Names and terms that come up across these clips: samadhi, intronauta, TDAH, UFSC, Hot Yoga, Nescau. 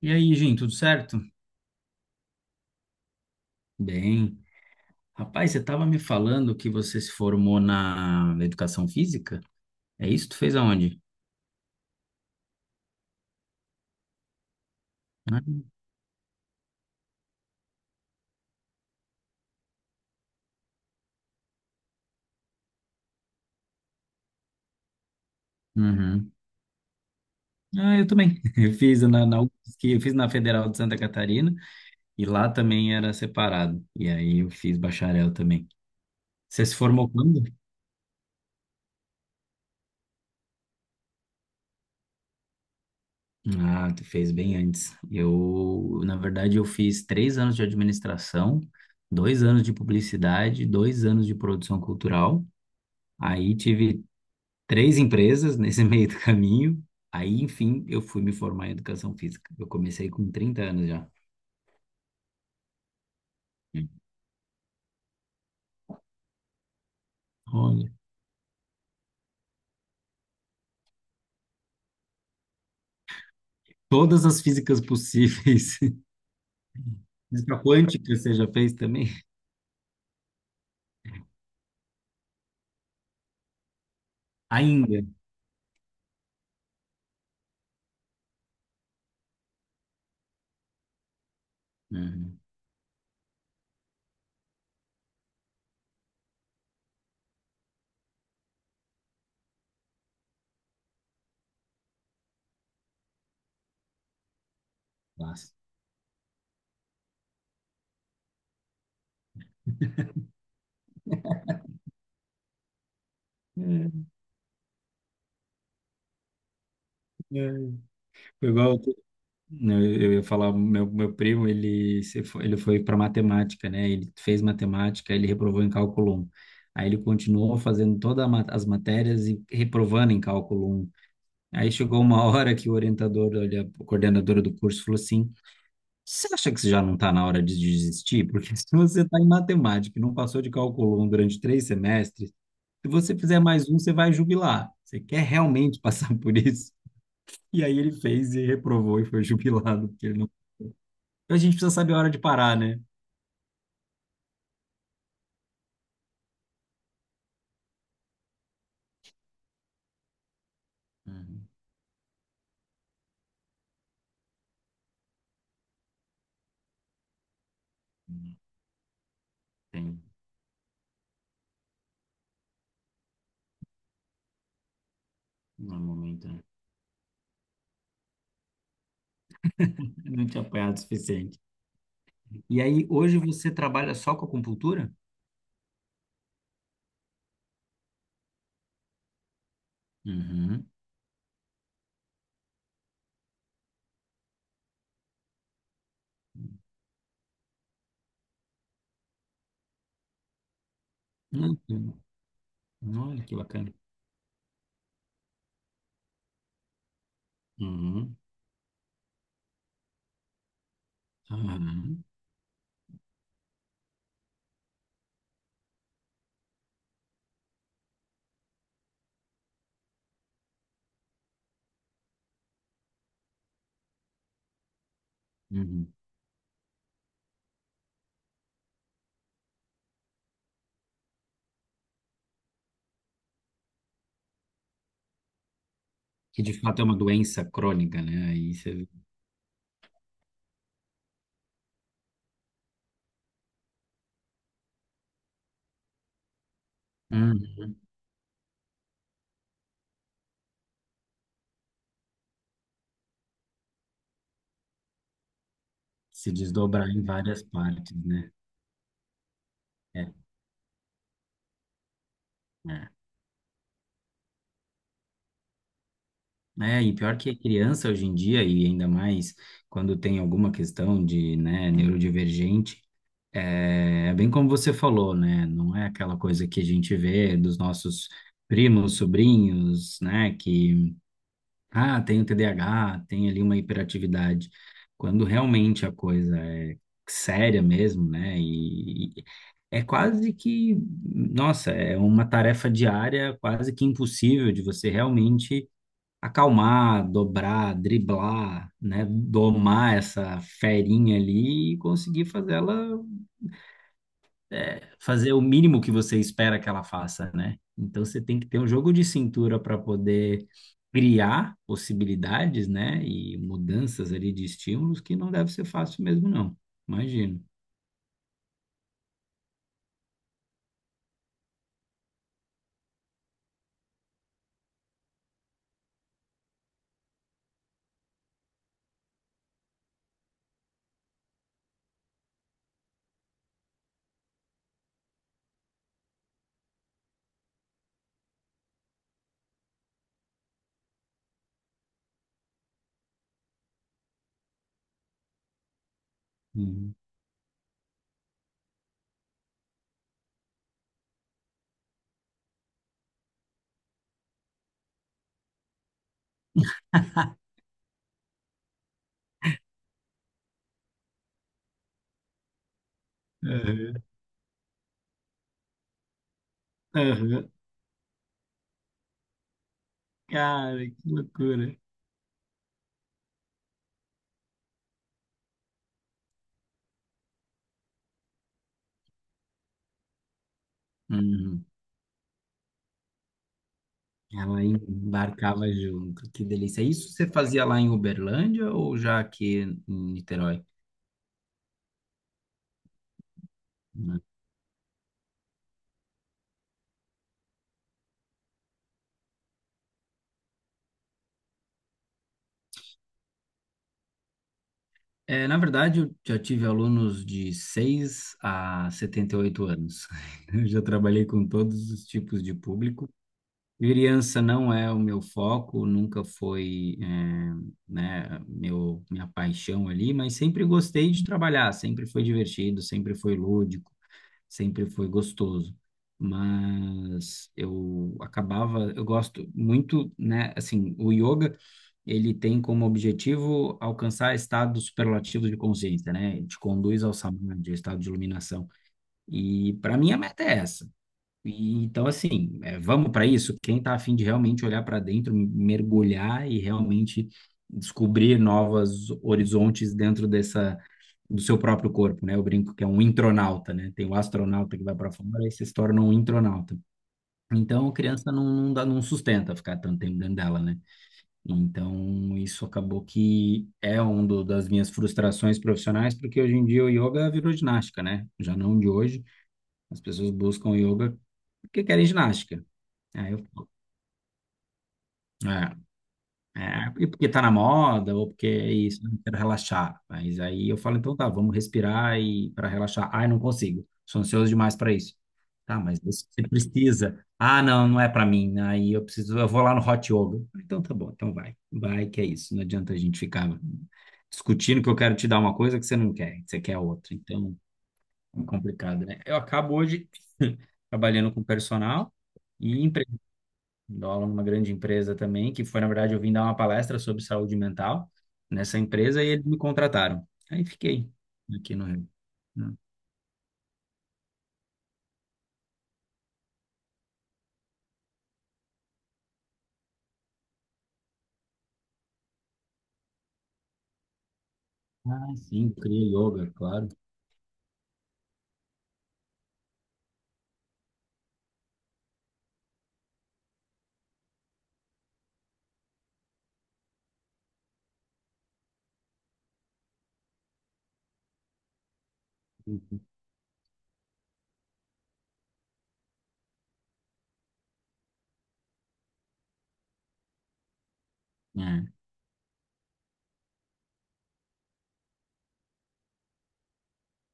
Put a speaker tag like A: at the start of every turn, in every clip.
A: E aí, Jim, tudo certo? Bem. Rapaz, você estava me falando que você se formou na educação física? É isso? Tu fez aonde? Ah, uhum. Ah, eu também. Eu fiz na UFSC, eu fiz na Federal de Santa Catarina e lá também era separado. E aí eu fiz bacharel também. Você se formou quando? Ah, tu fez bem antes. Eu, na verdade, eu fiz 3 anos de administração, 2 anos de publicidade, 2 anos de produção cultural. Aí tive três empresas nesse meio do caminho. Aí, enfim, eu fui me formar em educação física. Eu comecei com 30 anos já. Olha, todas as físicas possíveis. Física quântica você já fez também? Ainda. Uhum. Nossa. É, é. Foi igual, eu ia falar, meu primo, ele, se foi- ele foi para matemática, né? Ele fez matemática, ele reprovou em cálculo um. Aí ele continuou fazendo todas as matérias e reprovando em cálculo um. Aí chegou uma hora que o orientador, olha, a coordenadora do curso falou assim: Você acha que você já não está na hora de desistir? Porque se você está em matemática e não passou de cálculo um durante 3 semestres, se você fizer mais um, você vai jubilar. Você quer realmente passar por isso? E aí ele fez e reprovou e foi jubilado, porque ele não. A gente precisa saber a hora de parar, né? Uhum. Tem, no momento, né? Eu não tinha apanhado o suficiente. E aí, hoje você trabalha só com acupuntura? Uhum. Não, que- Olha que bacana. Uhum. Aham, uhum. Que de fato é uma doença crônica, né? Aí você. Uhum. Se desdobrar em várias partes, né? É, é. É, e pior que a criança hoje em dia, e ainda mais quando tem alguma questão de, né, neurodivergente, é, é bem como você falou, né? Não é aquela coisa que a gente vê dos nossos primos, sobrinhos, né? Que ah, tem o TDAH, tem ali uma hiperatividade. Quando realmente a coisa é séria mesmo, né? E é quase que, nossa, é uma tarefa diária quase que impossível de você realmente acalmar, dobrar, driblar, né? Domar essa ferinha ali e conseguir fazê-la é, fazer o mínimo que você espera que ela faça, né? Então você tem que ter um jogo de cintura para poder criar possibilidades, né? E mudanças ali de estímulos que não deve ser fácil mesmo, não. Imagino. Uhum. Aham, aham. Cara, que loucura. Uhum. Ela embarcava junto, que delícia. Isso você fazia lá em Uberlândia ou já aqui em Niterói? É, na verdade, eu já tive alunos de 6 a 78 anos. Eu já trabalhei com todos os tipos de público. Criança não é o meu foco, nunca foi, é, né, meu, minha paixão ali, mas sempre gostei de trabalhar, sempre foi divertido, sempre foi lúdico, sempre foi gostoso. Mas eu acabava, eu gosto muito, né? Assim, o yoga, ele tem como objetivo alcançar estados superlativos de consciência, né? Ele te conduz ao samadhi, ao estado de iluminação. E para mim a meta é essa. E, então, assim, é, vamos para isso. Quem está afim de realmente olhar para dentro, mergulhar e realmente descobrir novos horizontes dentro dessa, do seu próprio corpo, né? Eu brinco que é um intronauta, né? Tem o astronauta que vai para fora e se torna um intronauta. Então, a criança não, não dá, não sustenta ficar tanto tempo dentro dela, né? Então, isso acabou que é uma das minhas frustrações profissionais, porque hoje em dia o yoga virou ginástica, né? Já não de hoje. As pessoas buscam yoga porque querem ginástica. É, eu, é, é, e porque tá na moda, ou porque é isso, não quero relaxar. Mas aí eu falo, então tá, vamos respirar e para relaxar. Ai, não consigo, sou ansioso demais para isso. Tá, mas isso você precisa. Ah, não, não é para mim. Né? Aí eu preciso, eu vou lá no Hot Yoga. Então tá bom, então vai. Vai que é isso. Não adianta a gente ficar discutindo que eu quero te dar uma coisa que você não quer, que você quer outra. Então, é complicado, né? Eu acabo hoje trabalhando com personal e dou aula numa grande empresa também, que foi, na verdade, eu vim dar uma palestra sobre saúde mental nessa empresa e eles me contrataram. Aí fiquei aqui no Rio. Ah, sim, cria yoga, claro. É,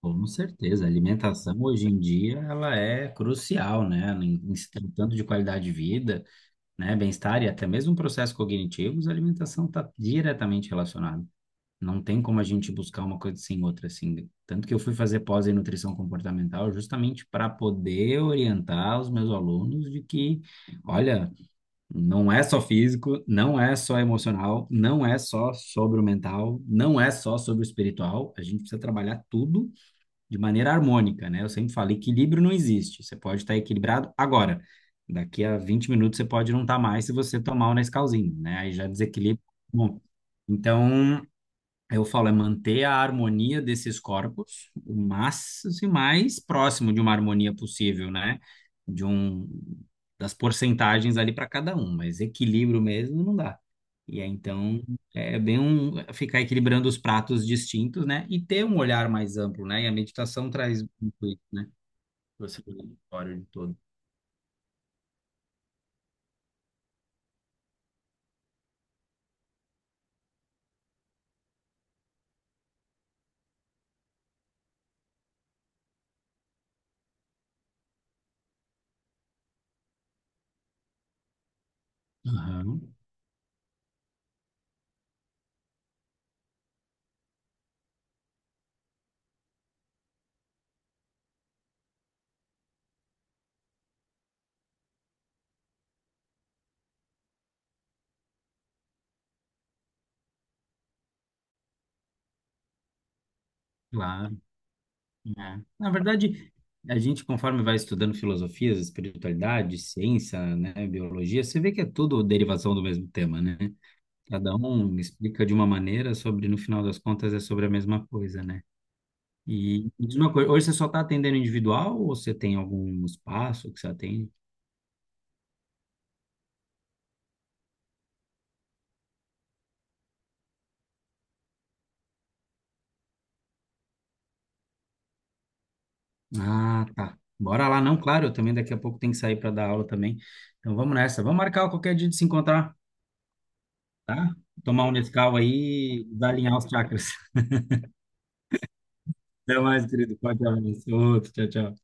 A: com certeza. A alimentação hoje em dia ela é crucial, né? Em se tratando de qualidade de vida, né? Bem-estar e até mesmo processos cognitivos, a alimentação está diretamente relacionada. Não tem como a gente buscar uma coisa sem outra, assim. Tanto que eu fui fazer pós em nutrição comportamental justamente para poder orientar os meus alunos de que, olha, não é só físico, não é só emocional, não é só sobre o mental, não é só sobre o espiritual. A gente precisa trabalhar tudo de maneira harmônica, né? Eu sempre falo, equilíbrio não existe. Você pode estar equilibrado agora. Daqui a 20 minutos você pode não estar mais se você tomar o Nescauzinho, né? Aí já desequilibra. Bom, então, eu falo, é manter a harmonia desses corpos o máximo e mais próximo de uma harmonia possível, né? De um, das porcentagens ali para cada um, mas equilíbrio mesmo não dá. E aí, então é bem um ficar equilibrando os pratos distintos, né? E ter um olhar mais amplo, né? E a meditação traz muito isso, né? Você olha o auditório de todo. Aham, claro. É. Na verdade, a gente, conforme vai estudando filosofias, espiritualidade, ciência, né, biologia, você vê que é tudo derivação do mesmo tema, né? Cada um explica de uma maneira sobre, no final das contas, é sobre a mesma coisa, né? E me diz uma coisa, hoje você só está atendendo individual ou você tem algum espaço que você atende? Ah, tá. Bora lá, não, claro, eu também daqui a pouco tenho que sair para dar aula também. Então vamos nessa. Vamos marcar qualquer dia de se encontrar, tá? Tomar um Nescau aí, e alinhar os chakras. Até mais, querido. Forte abraço. Outro. Tchau, tchau.